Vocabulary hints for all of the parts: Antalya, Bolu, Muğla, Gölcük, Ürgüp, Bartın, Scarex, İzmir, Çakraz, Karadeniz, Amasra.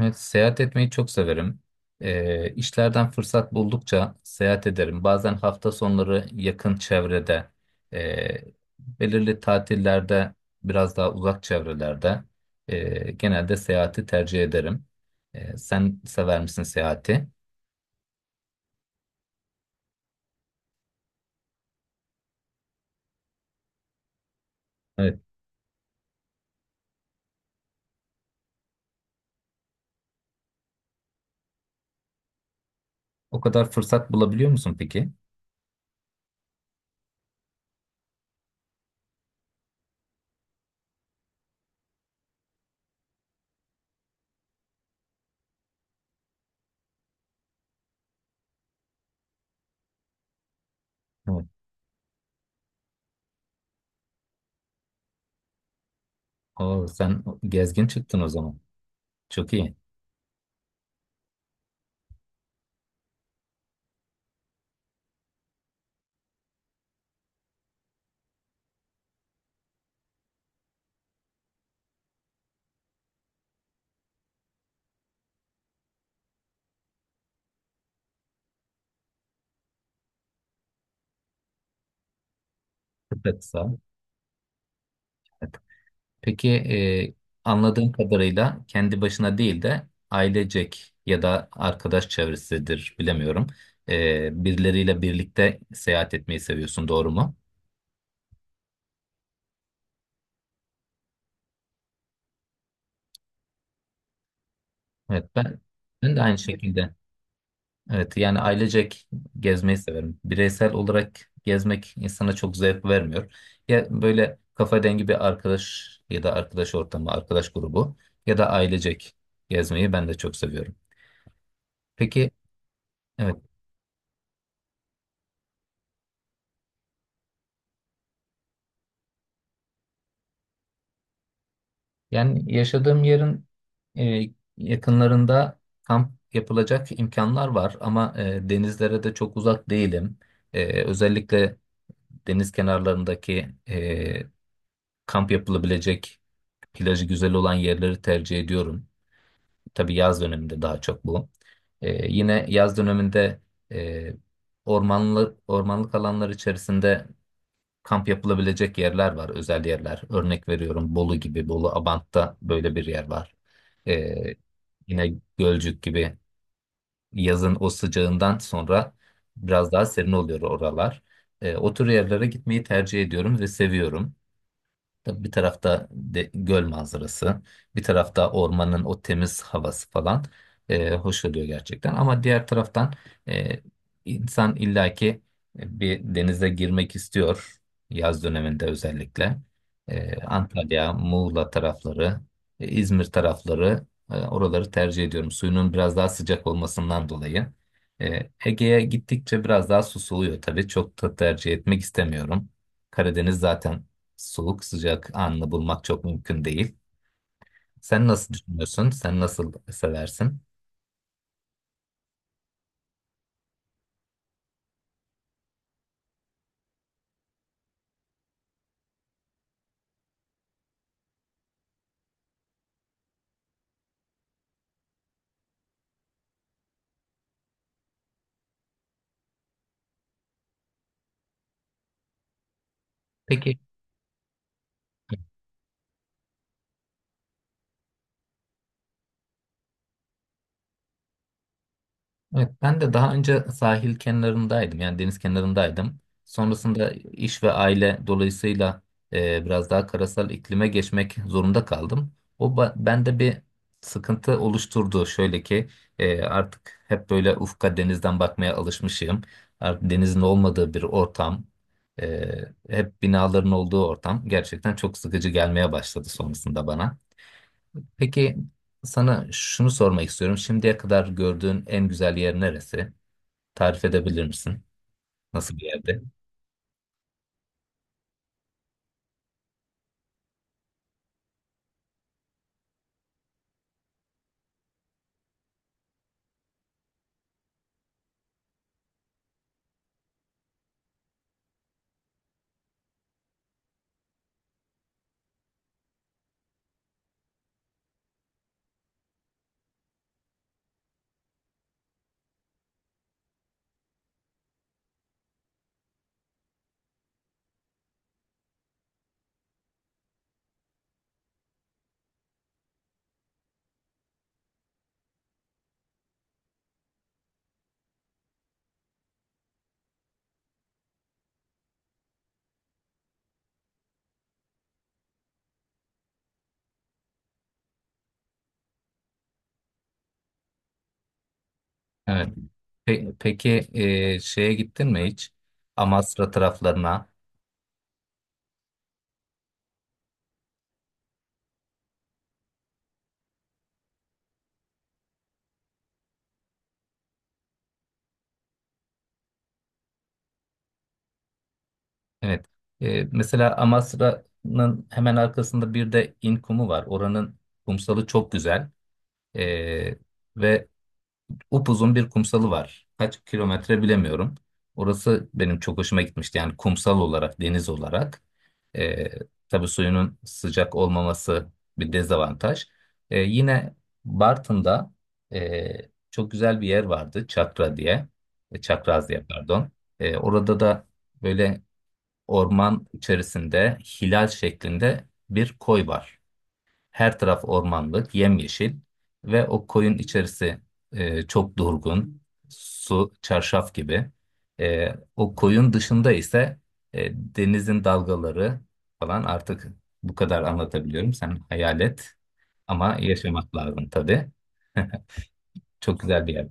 Evet, seyahat etmeyi çok severim. İşlerden fırsat buldukça seyahat ederim. Bazen hafta sonları yakın çevrede, e, belirli tatillerde biraz daha uzak çevrelerde genelde seyahati tercih ederim. Sen sever misin seyahati? Evet. O kadar fırsat bulabiliyor musun peki? Evet. Oo, sen gezgin çıktın o zaman. Çok iyi. Çok da kısa. Peki, anladığım kadarıyla kendi başına değil de ailecek ya da arkadaş çevresidir bilemiyorum. Birileriyle birlikte seyahat etmeyi seviyorsun, doğru mu? Evet, ben de aynı şekilde. Evet, yani ailecek gezmeyi severim. Bireysel olarak gezmek insana çok zevk vermiyor. Ya böyle kafa dengi bir arkadaş ya da arkadaş ortamı, arkadaş grubu ya da ailecek gezmeyi ben de çok seviyorum. Peki. Evet. Yani yaşadığım yerin e, yakınlarında kamp yapılacak imkanlar var, ama denizlere de çok uzak değilim. Özellikle deniz kenarlarındaki kamp yapılabilecek plajı güzel olan yerleri tercih ediyorum. Tabii yaz döneminde daha çok bu. Yine yaz döneminde e, ormanlı, ormanlık alanlar içerisinde kamp yapılabilecek yerler var, özel yerler. Örnek veriyorum, Bolu gibi, Bolu Abant'ta böyle bir yer var. Ee, Yine Gölcük gibi yazın o sıcağından sonra biraz daha serin oluyor oralar. O tür yerlere gitmeyi tercih ediyorum ve seviyorum. Tabii bir tarafta göl manzarası, bir tarafta ormanın o temiz havası falan hoş oluyor gerçekten. Ama diğer taraftan e, insan illaki bir denize girmek istiyor yaz döneminde özellikle. Antalya, Muğla tarafları, İzmir tarafları, oraları tercih ediyorum. Suyunun biraz daha sıcak olmasından dolayı. Ege'ye gittikçe biraz daha susuluyor tabii. Çok da tercih etmek istemiyorum. Karadeniz zaten, soğuk sıcak anını bulmak çok mümkün değil. Sen nasıl düşünüyorsun? Sen nasıl seversin? Peki. Evet, ben de daha önce sahil kenarındaydım, yani deniz kenarındaydım. Sonrasında iş ve aile dolayısıyla biraz daha karasal iklime geçmek zorunda kaldım. Bende bir sıkıntı oluşturdu. Şöyle ki, artık hep böyle ufka denizden bakmaya alışmışım. Artık denizin olmadığı bir ortam, e, hep binaların olduğu ortam gerçekten çok sıkıcı gelmeye başladı sonrasında bana. Peki, sana şunu sormak istiyorum. Şimdiye kadar gördüğün en güzel yer neresi? Tarif edebilir misin? Nasıl bir yerde? Evet. Peki, şeye gittin mi hiç? Amasra taraflarına. Evet. Mesela Amasra'nın hemen arkasında bir de İnkumu var. Oranın kumsalı çok güzel. E, Ve upuzun bir kumsalı var. Kaç kilometre bilemiyorum. Orası benim çok hoşuma gitmişti. Yani kumsal olarak, deniz olarak. Ee, tabii suyunun sıcak olmaması bir dezavantaj. Yine Bartın'da ee, çok güzel bir yer vardı. Çakra diye. Çakraz diye, pardon. Orada da böyle orman içerisinde hilal şeklinde bir koy var. Her taraf ormanlık, yemyeşil ve o koyun içerisi çok durgun, su, çarşaf gibi. E, O koyun dışında ise denizin dalgaları falan artık bu kadar anlatabiliyorum. Sen hayal et, ama yaşamak lazım tabii. Çok güzel bir yer.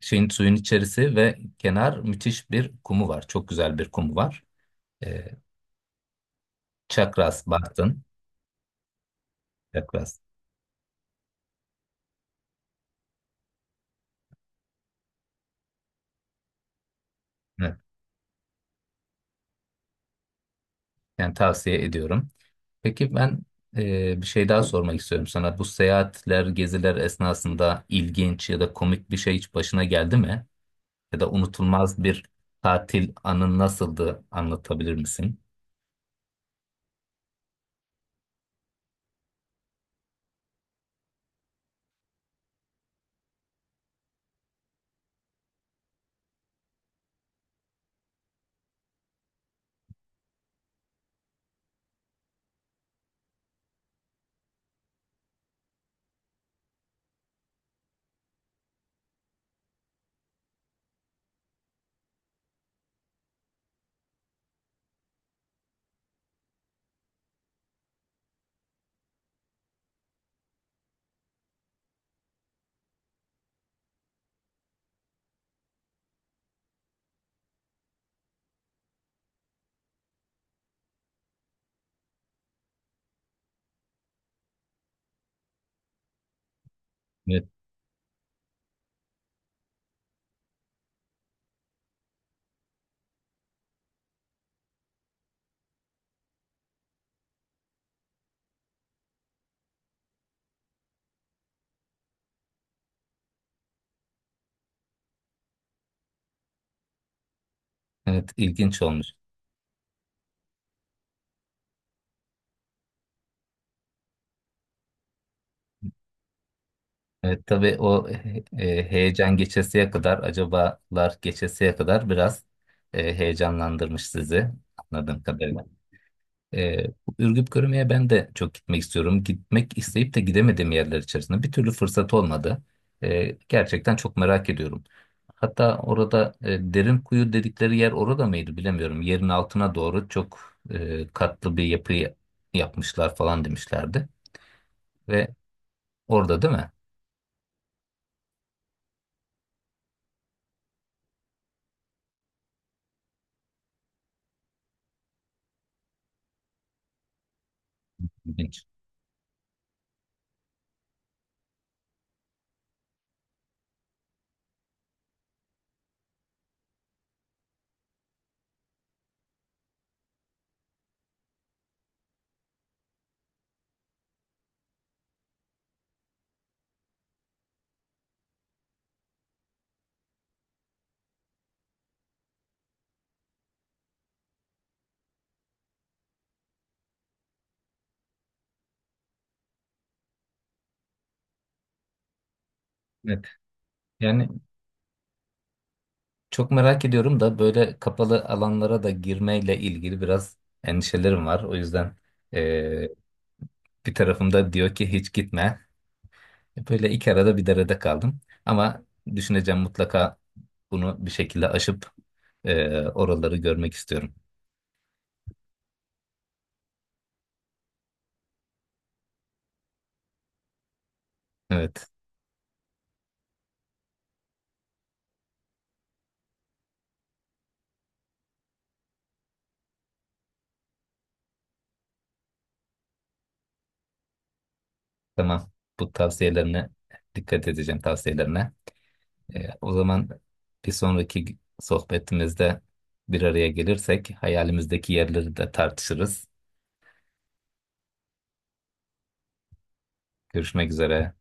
Şeyin suyun içerisi ve kenar müthiş bir kumu var. Çok güzel bir kumu var. E, Çakras, Bartın. Çakras. Evet. Yani tavsiye ediyorum. Peki ben, bir şey daha sormak istiyorum sana. Bu seyahatler, geziler esnasında ilginç ya da komik bir şey hiç başına geldi mi? Ya da unutulmaz bir tatil anın nasıldı, anlatabilir misin? Evet, evet, ilginç olmuş. Evet tabii, o heyecan geçesiye kadar, acabalar geçesiye kadar biraz heyecanlandırmış sizi anladığım kadarıyla. Ee, Ürgüp Görüme'ye ben de çok gitmek istiyorum. Gitmek isteyip de gidemediğim yerler içerisinde bir türlü fırsat olmadı. Gerçekten çok merak ediyorum. Hatta orada derin kuyu dedikleri yer orada mıydı bilemiyorum. Yerin altına doğru çok katlı bir yapı yapmışlar falan demişlerdi. Ve orada, değil mi? İlginç. Evet. Yani çok merak ediyorum da böyle kapalı alanlara da girmeyle ilgili biraz endişelerim var. O yüzden e, bir tarafımda diyor ki hiç gitme. Böyle iki arada bir derede kaldım. Ama düşüneceğim, mutlaka bunu bir şekilde aşıp oraları görmek istiyorum. Evet, tamam. Bu tavsiyelerine dikkat edeceğim, tavsiyelerine. O zaman bir sonraki sohbetimizde bir araya gelirsek hayalimizdeki yerleri de tartışırız. Görüşmek üzere.